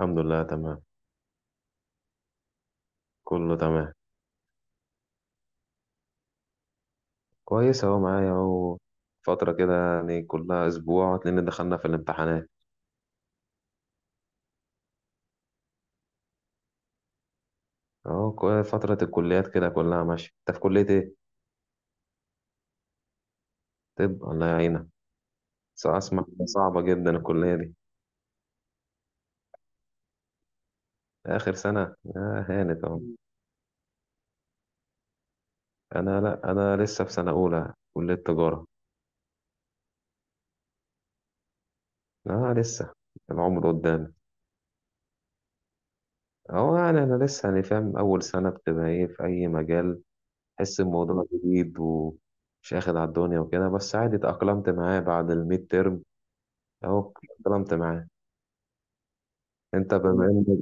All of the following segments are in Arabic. الحمد لله، تمام. كله تمام. كويس اهو، معايا اهو فترة كده، يعني كلها اسبوع لان دخلنا في الامتحانات. اهو فترة الكليات كده كلها ماشية. انت في كلية ايه؟ طب الله يعينك. بس اسمع إنها صعبة جدا الكلية دي. اخر سنة هانت اهو. انا لا انا لسه في سنة اولى كلية تجارة. اه لسه، العمر قدامي. اهو يعني انا لسه يعني فاهم اول سنة بتبقى ايه في اي مجال. تحس الموضوع جديد ومش اخد على الدنيا وكده، بس عادي اتأقلمت معاه بعد الميد ترم. اهو اتأقلمت معاه. انت بما انك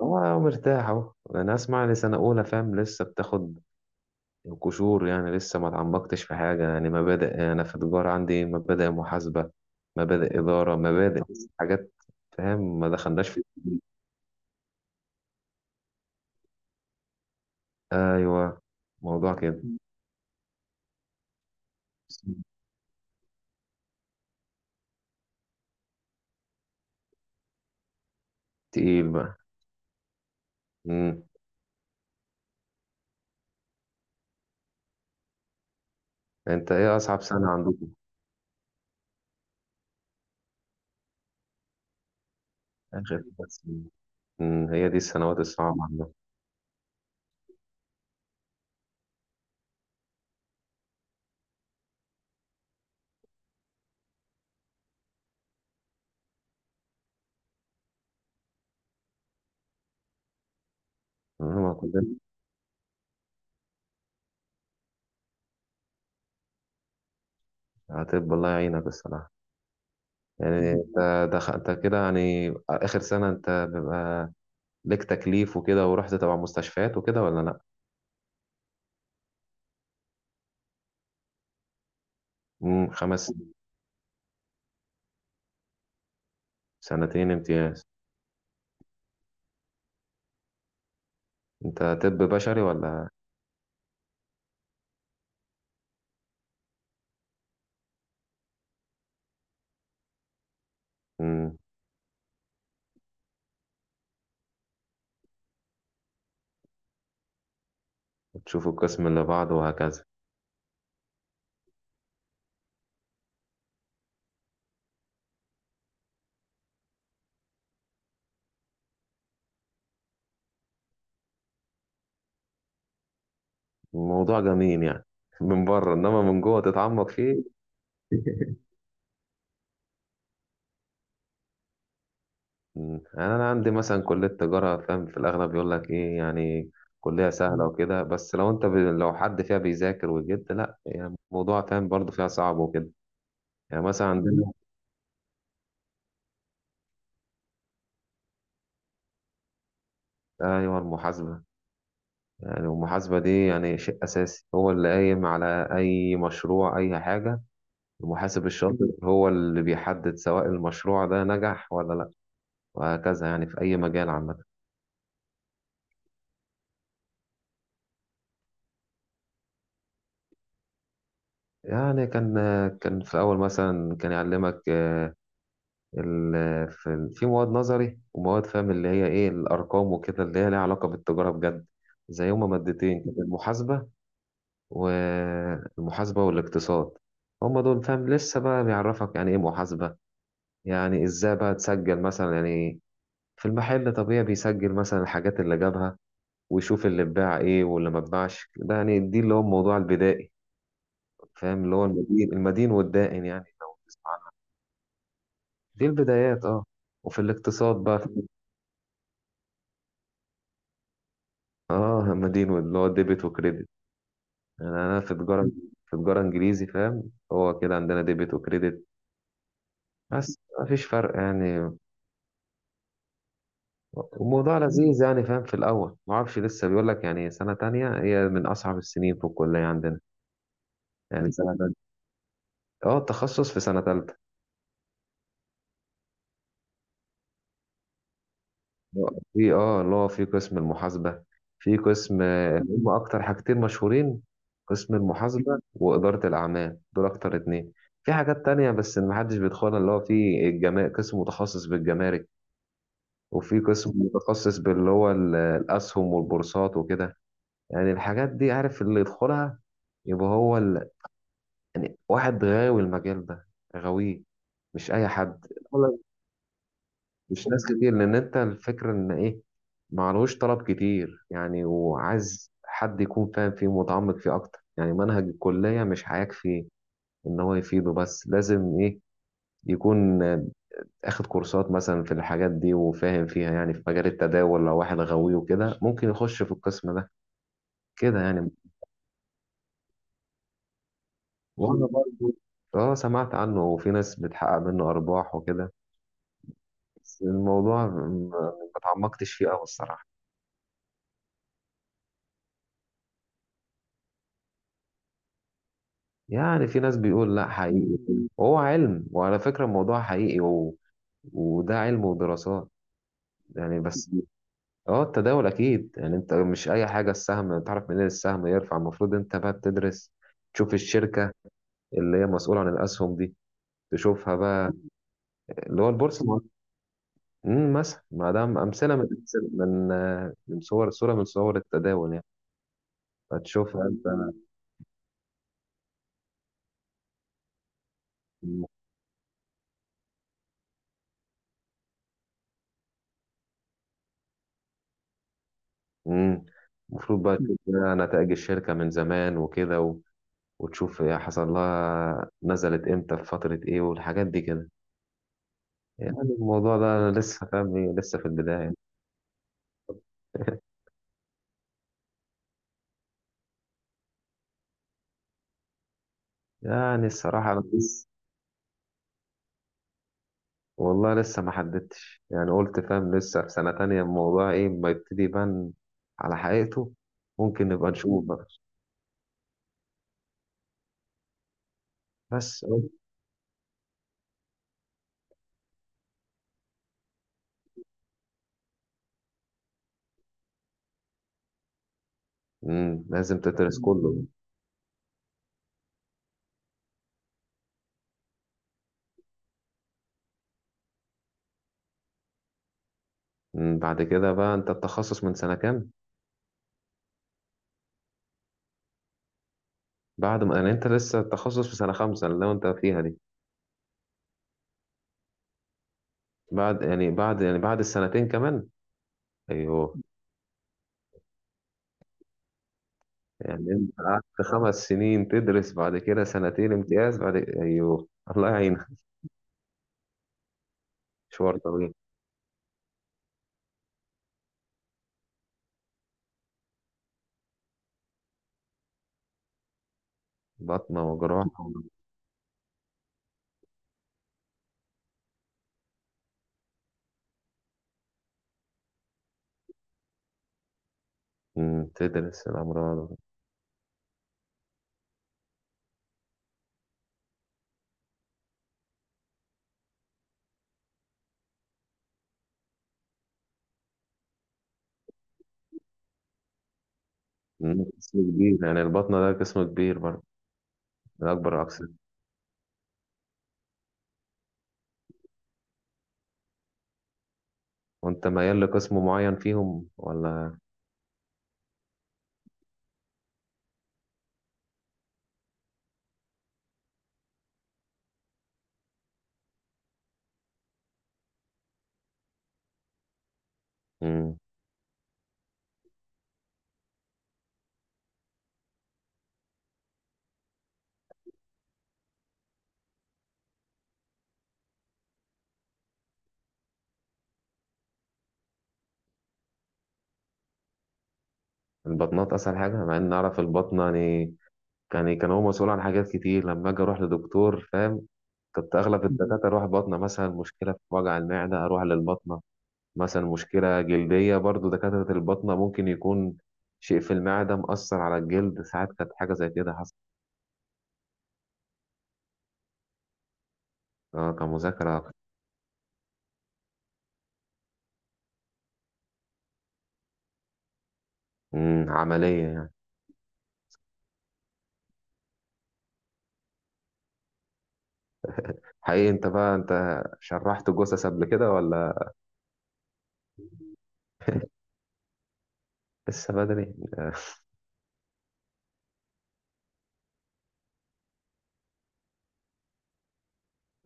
هو مرتاح اهو. انا اسمع لي سنة اولى، فاهم لسه بتاخد قشور يعني، لسه ما اتعمقتش في حاجة. يعني مبادئ، انا في تجارة عندي مبادئ محاسبة، مبادئ إدارة، مبادئ حاجات. فاهم ما دخلناش في. ايوه موضوع كده تقيل بقى. مم. انت ايه اصعب سنة عندكم؟ اخر سنة. هي دي السنوات الصعبة عندنا. كلنا هتبقى الله يعينك الصراحة. يعني انت كده يعني آخر سنة، انت بيبقى ليك تكليف وكده ورحت تبع مستشفيات وكده ولا لأ؟ 5 سنين. سنتين امتياز. انت طب بشري ولا؟ أمم، تشوف القسم اللي بعده وهكذا. الموضوع جميل يعني من بره، انما من جوه تتعمق فيه. يعني انا عندي مثلا كليه تجاره، فاهم في الاغلب يقول لك ايه يعني كليه سهله وكده، بس لو لو حد فيها بيذاكر وجد، لا يعني الموضوع فاهم برضه فيها صعب وكده. يعني مثلا عندنا. ايوه المحاسبه. يعني المحاسبه دي يعني شيء اساسي، هو اللي قايم على اي مشروع اي حاجه. المحاسب الشاطر، هو اللي بيحدد سواء المشروع ده نجح ولا لا، وهكذا يعني في اي مجال عامه. يعني كان، كان في الاول مثلا كان يعلمك، في مواد نظري ومواد، فاهم اللي هي ايه الارقام وكده، اللي هي ليها علاقه بالتجاره بجد، زي هما مادتين كده: المحاسبه والمحاسبه والاقتصاد. هما دول فاهم لسه بقى بيعرفك يعني ايه محاسبه، يعني ازاي بقى تسجل مثلا. يعني في المحل طبيعي بيسجل مثلا الحاجات اللي جابها، ويشوف اللي اتباع ايه واللي ما اتباعش. ده يعني دي اللي هو الموضوع البدائي، فاهم اللي هو المدين والدائن، يعني لو تسمع عنه. دي البدايات اه. وفي الاقتصاد بقى، اه همدين اللي هو ديبت وكريدت. انا في تجاره، في تجاره انجليزي، فاهم هو كده عندنا ديبت وكريدت، بس ما فيش فرق يعني. الموضوع لذيذ يعني، فاهم في الاول ما اعرفش، لسه بيقول لك يعني سنه تانية هي من اصعب السنين في الكليه عندنا. يعني سنه تانية، اه التخصص في سنه تالتة. في اه اللي هو في قسم المحاسبة. في قسم، هم أكتر حاجتين مشهورين: قسم المحاسبة وإدارة الأعمال، دول أكتر اتنين. في حاجات تانية بس محدش بيدخلها، اللي هو في قسم متخصص بالجمارك، وفي قسم متخصص باللي هو الأسهم والبورصات وكده. يعني الحاجات دي عارف اللي يدخلها يبقى هو ال... يعني واحد غاوي المجال ده، غاويه، مش أي حد. مش ناس كتير، لان انت الفكره ان ايه، معلهوش طلب كتير يعني، وعايز حد يكون فاهم فيه متعمق فيه اكتر. يعني منهج الكليه مش هيكفي ان هو يفيده، بس لازم ايه يكون اخد كورسات مثلا في الحاجات دي وفاهم فيها. يعني في مجال التداول لو واحد غاوي وكده ممكن يخش في القسم ده، كده يعني. وانا برضه اه سمعت عنه، وفي ناس بتحقق منه ارباح وكده. بس الموضوع ما اتعمقتش فيه قوي الصراحه. يعني في ناس بيقول لا حقيقي، وهو علم، وعلى فكرة الموضوع حقيقي و... وده علم ودراسات يعني. بس اه التداول اكيد، يعني انت مش اي حاجة السهم تعرف منين السهم يرفع. المفروض انت بقى بتدرس، تشوف الشركة اللي هي مسؤولة عن الاسهم دي، تشوفها بقى. اللي هو البورصة. مثلا ما دام امثلة من من صورة من صور التداول يعني، فتشوفها انت. امم المفروض بقى تشوف بقى نتائج الشركة من زمان وكده، وتشوف هي حصل لها نزلت امتى في فترة ايه، والحاجات دي كده. يعني الموضوع ده أنا لسه فاهم لسه في البداية. يعني الصراحة أنا لسه، والله لسه ما حددتش يعني. قلت فاهم لسه في سنة تانية، الموضوع إيه ما يبتدي يبان على حقيقته. ممكن نبقى نشوف بقى. بس لازم تدرس كله. بعد كده بقى أنت التخصص من سنة كام؟ بعد ما يعني، أنت لسه التخصص في سنة خمسة اللي هو أنت فيها دي؟ بعد السنتين كمان. أيوه. يعني انت قعدت 5 سنين تدرس، بعد كده سنتين امتياز، بعد ايوه. الله يعينك. مشوار طويل. بطنة وجراحة. تدرس الأمراض. قسم كبير يعني البطنة ده، قسم كبير برضه، من أكبر الأقسام. وأنت ميال لقسم معين فيهم ولا؟ أمم، البطنات أسهل حاجة، مع إن أعرف البطنة يعني، يعني كان هو مسؤول عن حاجات كتير. لما أجي أروح لدكتور، فاهم كنت أغلب الدكاترة أروح بطنة. مثلا مشكلة في وجع المعدة أروح للبطنة. مثلا مشكلة جلدية برضو دكاترة الباطنة، ممكن يكون شيء في المعدة مأثر على الجلد. ساعات كانت حاجة زي كده حصلت. اه كمذاكرة. مم، عملية يعني. حقيقي انت بقى انت شرحت جثث قبل كده ولا؟ لسه بدري.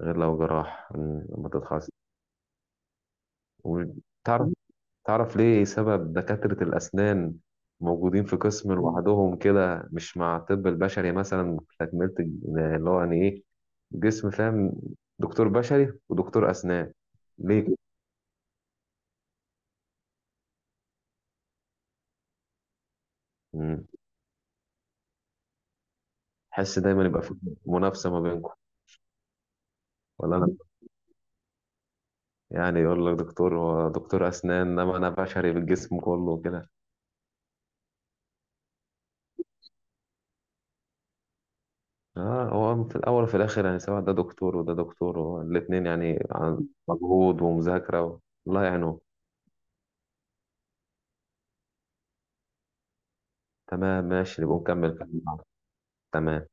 غير لو جراح. مم، لما تتخصص وتعرف. تعرف ليه سبب دكاترة الأسنان موجودين في قسم لوحدهم كده، مش مع الطب البشري مثلا، تكملة اللي هو يعني إيه جسم، فاهم دكتور بشري ودكتور أسنان ليه كده؟ مم. حس دايما يبقى في منافسة ما بينكم ولا؟ أنا يعني يقول لك دكتور، هو دكتور أسنان إنما أنا بشري بالجسم كله وكده. آه هو في الأول وفي الآخر يعني، سواء ده دكتور وده دكتور، هو الاتنين يعني عن مجهود ومذاكرة و- الله يعينهم. تمام، ماشي نبقى نكمل كلام. تمام.